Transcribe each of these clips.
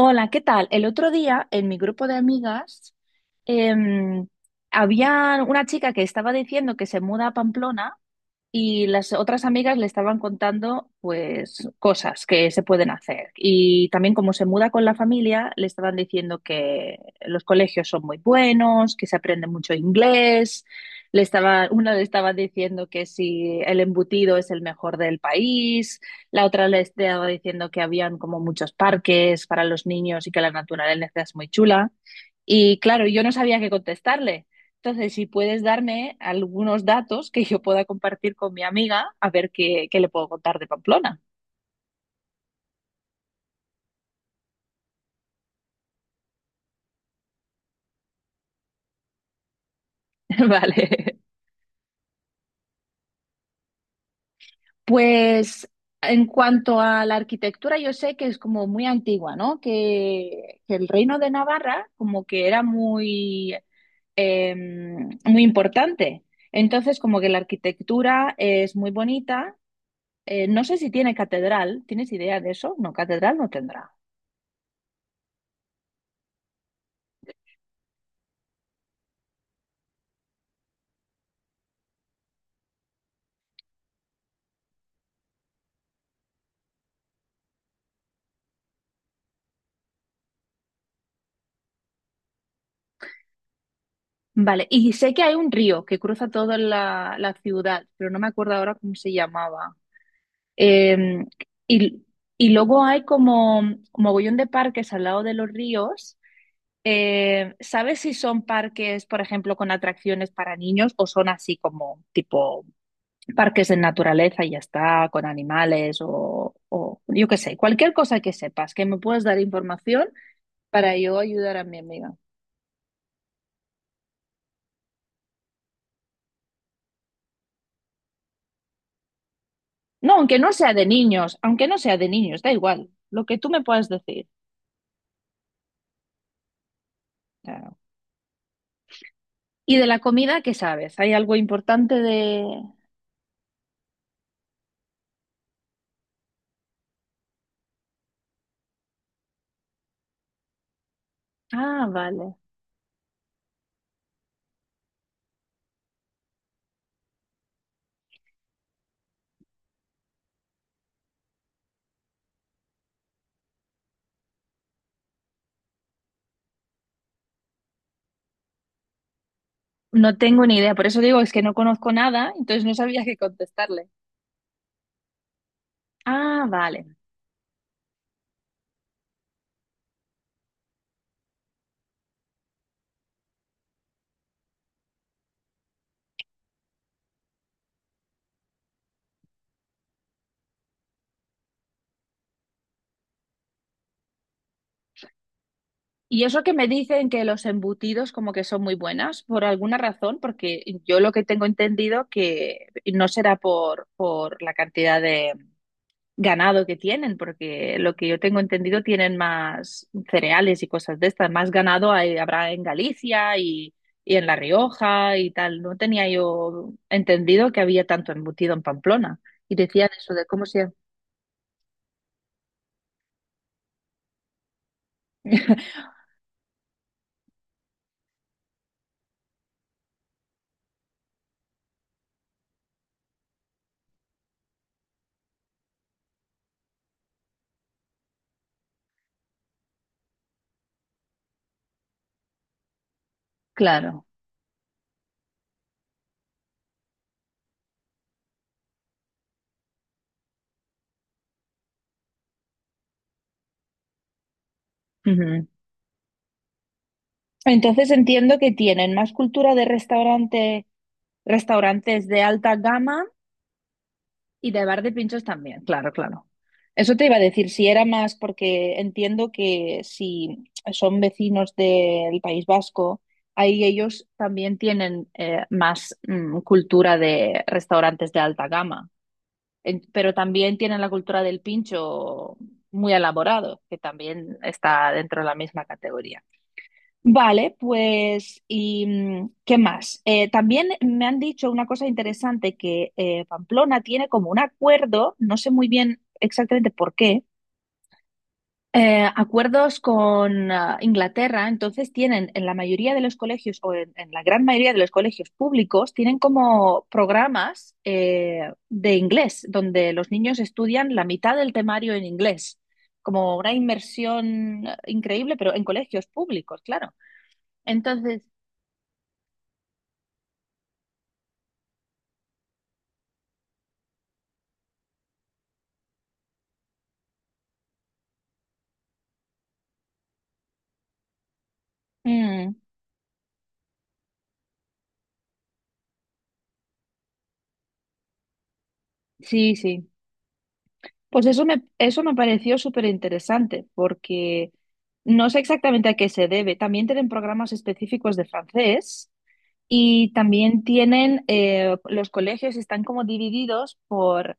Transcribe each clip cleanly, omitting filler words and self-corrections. Hola, ¿qué tal? El otro día en mi grupo de amigas em, había una chica que estaba diciendo que se muda a Pamplona y las otras amigas le estaban contando, pues, cosas que se pueden hacer. Y también como se muda con la familia, le estaban diciendo que los colegios son muy buenos, que se aprende mucho inglés. Le estaba, una le estaba diciendo que si el embutido es el mejor del país. La otra le estaba diciendo que habían como muchos parques para los niños y que la naturaleza es muy chula. Y claro, yo no sabía qué contestarle. Entonces, si puedes darme algunos datos que yo pueda compartir con mi amiga, a ver qué, qué le puedo contar de Pamplona. Vale. Pues en cuanto a la arquitectura, yo sé que es como muy antigua, ¿no? Que el reino de Navarra como que era muy, eh, muy importante. Entonces, como que la arquitectura es muy bonita. No sé si tiene catedral. ¿Tienes idea de eso? No, catedral no tendrá. Vale, y sé que hay un río que cruza toda la ciudad, pero no me acuerdo ahora cómo se llamaba. Eh, y, y luego hay como mogollón de parques al lado de los ríos. ¿Sabes si son parques, por ejemplo, con atracciones para niños o son así como tipo parques de naturaleza y ya está, con animales o yo qué sé, cualquier cosa que sepas, que me puedas dar información para yo ayudar a mi amiga? No, aunque no sea de niños, aunque no sea de niños, da igual, lo que tú me puedas decir. Claro. ¿Y de la comida qué sabes? ¿Hay algo importante de...? Ah, vale. No tengo ni idea, por eso digo, es que no conozco nada, entonces no sabía qué contestarle. Ah, vale. Y eso que me dicen que los embutidos como que son muy buenas, por alguna razón, porque yo lo que tengo entendido que no será por la cantidad de, ganado que tienen, porque lo que yo tengo entendido tienen más cereales y cosas de estas, más ganado hay- habrá en Galicia y en La Rioja y tal. No tenía yo entendido que había tanto embutido en Pamplona. Y decían eso de cómo se... Claro. Ujú. Entonces entiendo que tienen más cultura de restaurante, restaurantes de alta gama. Y de bar de pinchos también, claro, claro. Eso te iba a decir, si era más, porque entiendo que si son vecinos del País Vasco, ahí ellos también tienen más cultura de restaurantes de alta gama. En- pero también tienen la cultura del pincho muy elaborado, que también está dentro de la misma categoría. Vale, pues, ¿y qué más? También me han dicho una cosa interesante, que Pamplona tiene como un acuerdo, no sé muy bien exactamente por qué, acuerdos con ah, Inglaterra, entonces tienen en la mayoría de los colegios, o en la gran mayoría de los colegios públicos, tienen como programas de inglés, donde los niños estudian la mitad del temario en inglés, como una inmersión increíble, pero en colegios públicos, claro. Entonces, mm, sí, sí. Pues eso me pareció súper interesante porque no sé exactamente a qué se debe. También tienen programas específicos de francés y también tienen, los colegios están como divididos por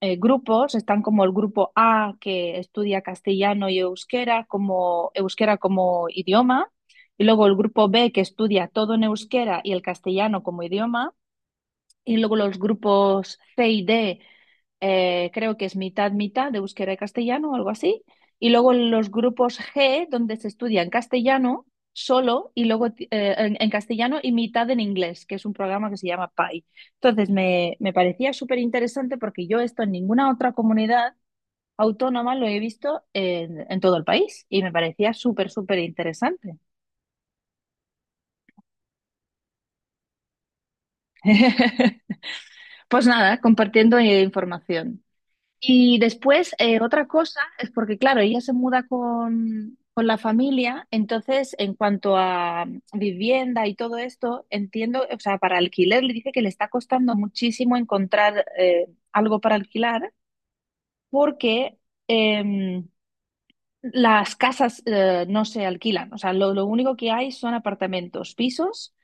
grupos. Están como el grupo A que estudia castellano y euskera como idioma. Y luego el grupo B que estudia todo en euskera y el castellano como idioma. Y luego los grupos C y D creo que es mitad, mitad de euskera y castellano o algo así. Y luego los grupos G, donde se estudia en castellano solo y luego ti- en castellano y mitad en inglés, que es un programa que se llama PAI. Entonces me parecía súper interesante porque yo esto en ninguna otra comunidad autónoma lo he visto en todo el país y me parecía súper, súper interesante. Pues nada, compartiendo información. Y después, otra cosa es porque, claro, ella se muda con la familia, entonces, en cuanto a vivienda y todo esto, entiendo, o sea, para alquiler le dice que le está costando muchísimo encontrar algo para alquilar porque em, las casas no se alquilan, o sea, lo único que hay son apartamentos, pisos,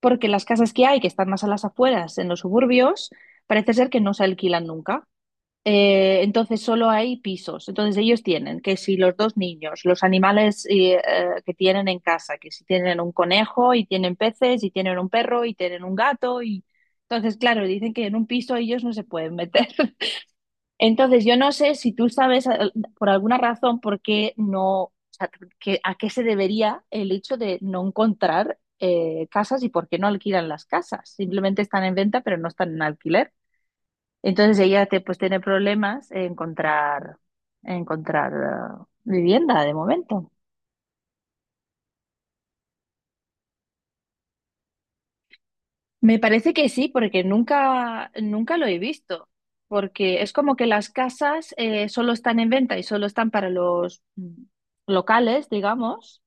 porque las casas que hay, que están más a las afueras, en los suburbios, parece ser que no se alquilan nunca. Entonces solo hay pisos. Entonces ellos tienen que si los dos niños, los animales que tienen en casa, que si tienen un conejo y tienen peces y tienen un perro y tienen un gato y entonces claro, dicen que en un piso ellos no se pueden meter. Entonces yo no sé si tú sabes por alguna razón por qué no, o sea, que- a qué se debería el hecho de no encontrar casas y por qué no alquilan las casas. Simplemente están en venta pero no están en alquiler. Entonces ella te, pues tiene problemas en encontrar vivienda de momento. Me parece que sí, porque nunca, nunca lo he visto. Porque es como que las casas solo están en venta y solo están para los locales, digamos,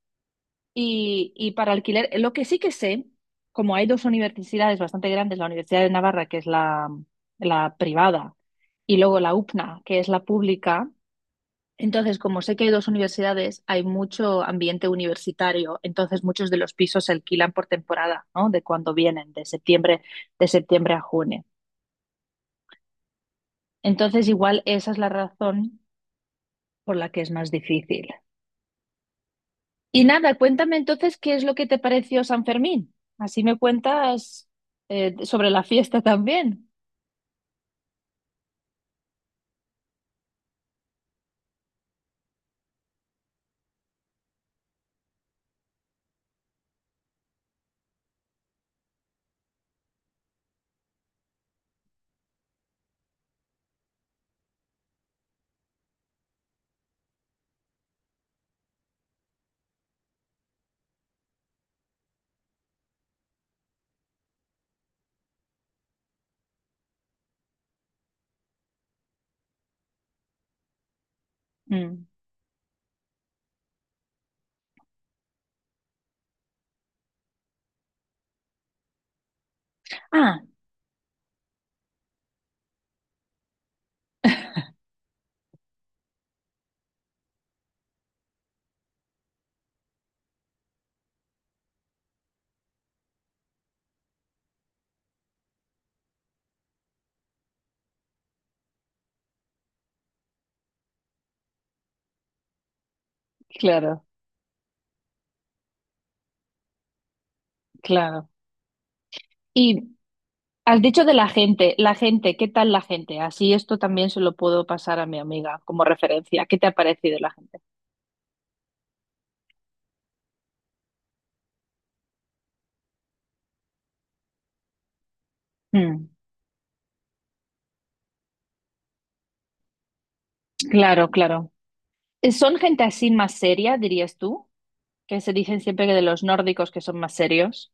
y para alquiler. Lo que sí que sé, como hay dos universidades bastante grandes, la Universidad de Navarra, que es la privada, y luego la UPNA, que es la pública. Entonces, como sé que hay dos universidades, hay mucho ambiente universitario, entonces muchos de los pisos se alquilan por temporada, ¿no? De cuando vienen, de septiembre a junio. Entonces, igual esa es la razón por la que es más difícil. Y nada, cuéntame entonces qué es lo que te pareció San Fermín. Así me cuentas sobre la fiesta también. Mm. Ah, claro, claro. Y has dicho de la gente, ¿qué tal la gente? Así esto también se lo puedo pasar a mi amiga como referencia. ¿Qué te ha parecido la gente? Mm, claro, claro. ¿Son gente así más seria, dirías tú? Que se dicen siempre que de los nórdicos que son más serios.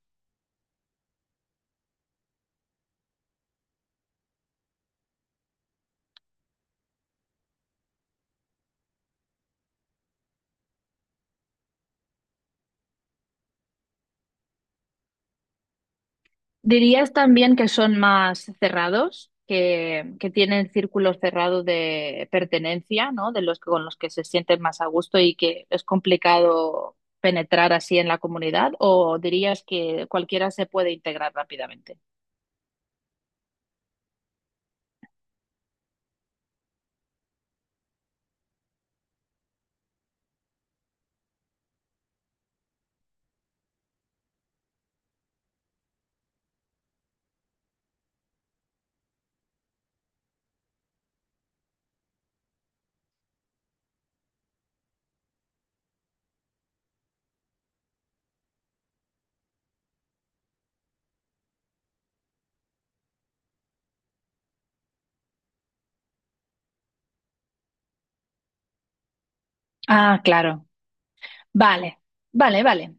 ¿Dirías también que son más cerrados, que tienen círculos cerrados de pertenencia, ¿no? De los que- con los que se sienten más a gusto y que es complicado penetrar así en la comunidad? ¿O dirías que cualquiera se puede integrar rápidamente? Ah, claro. Vale, vale, vale.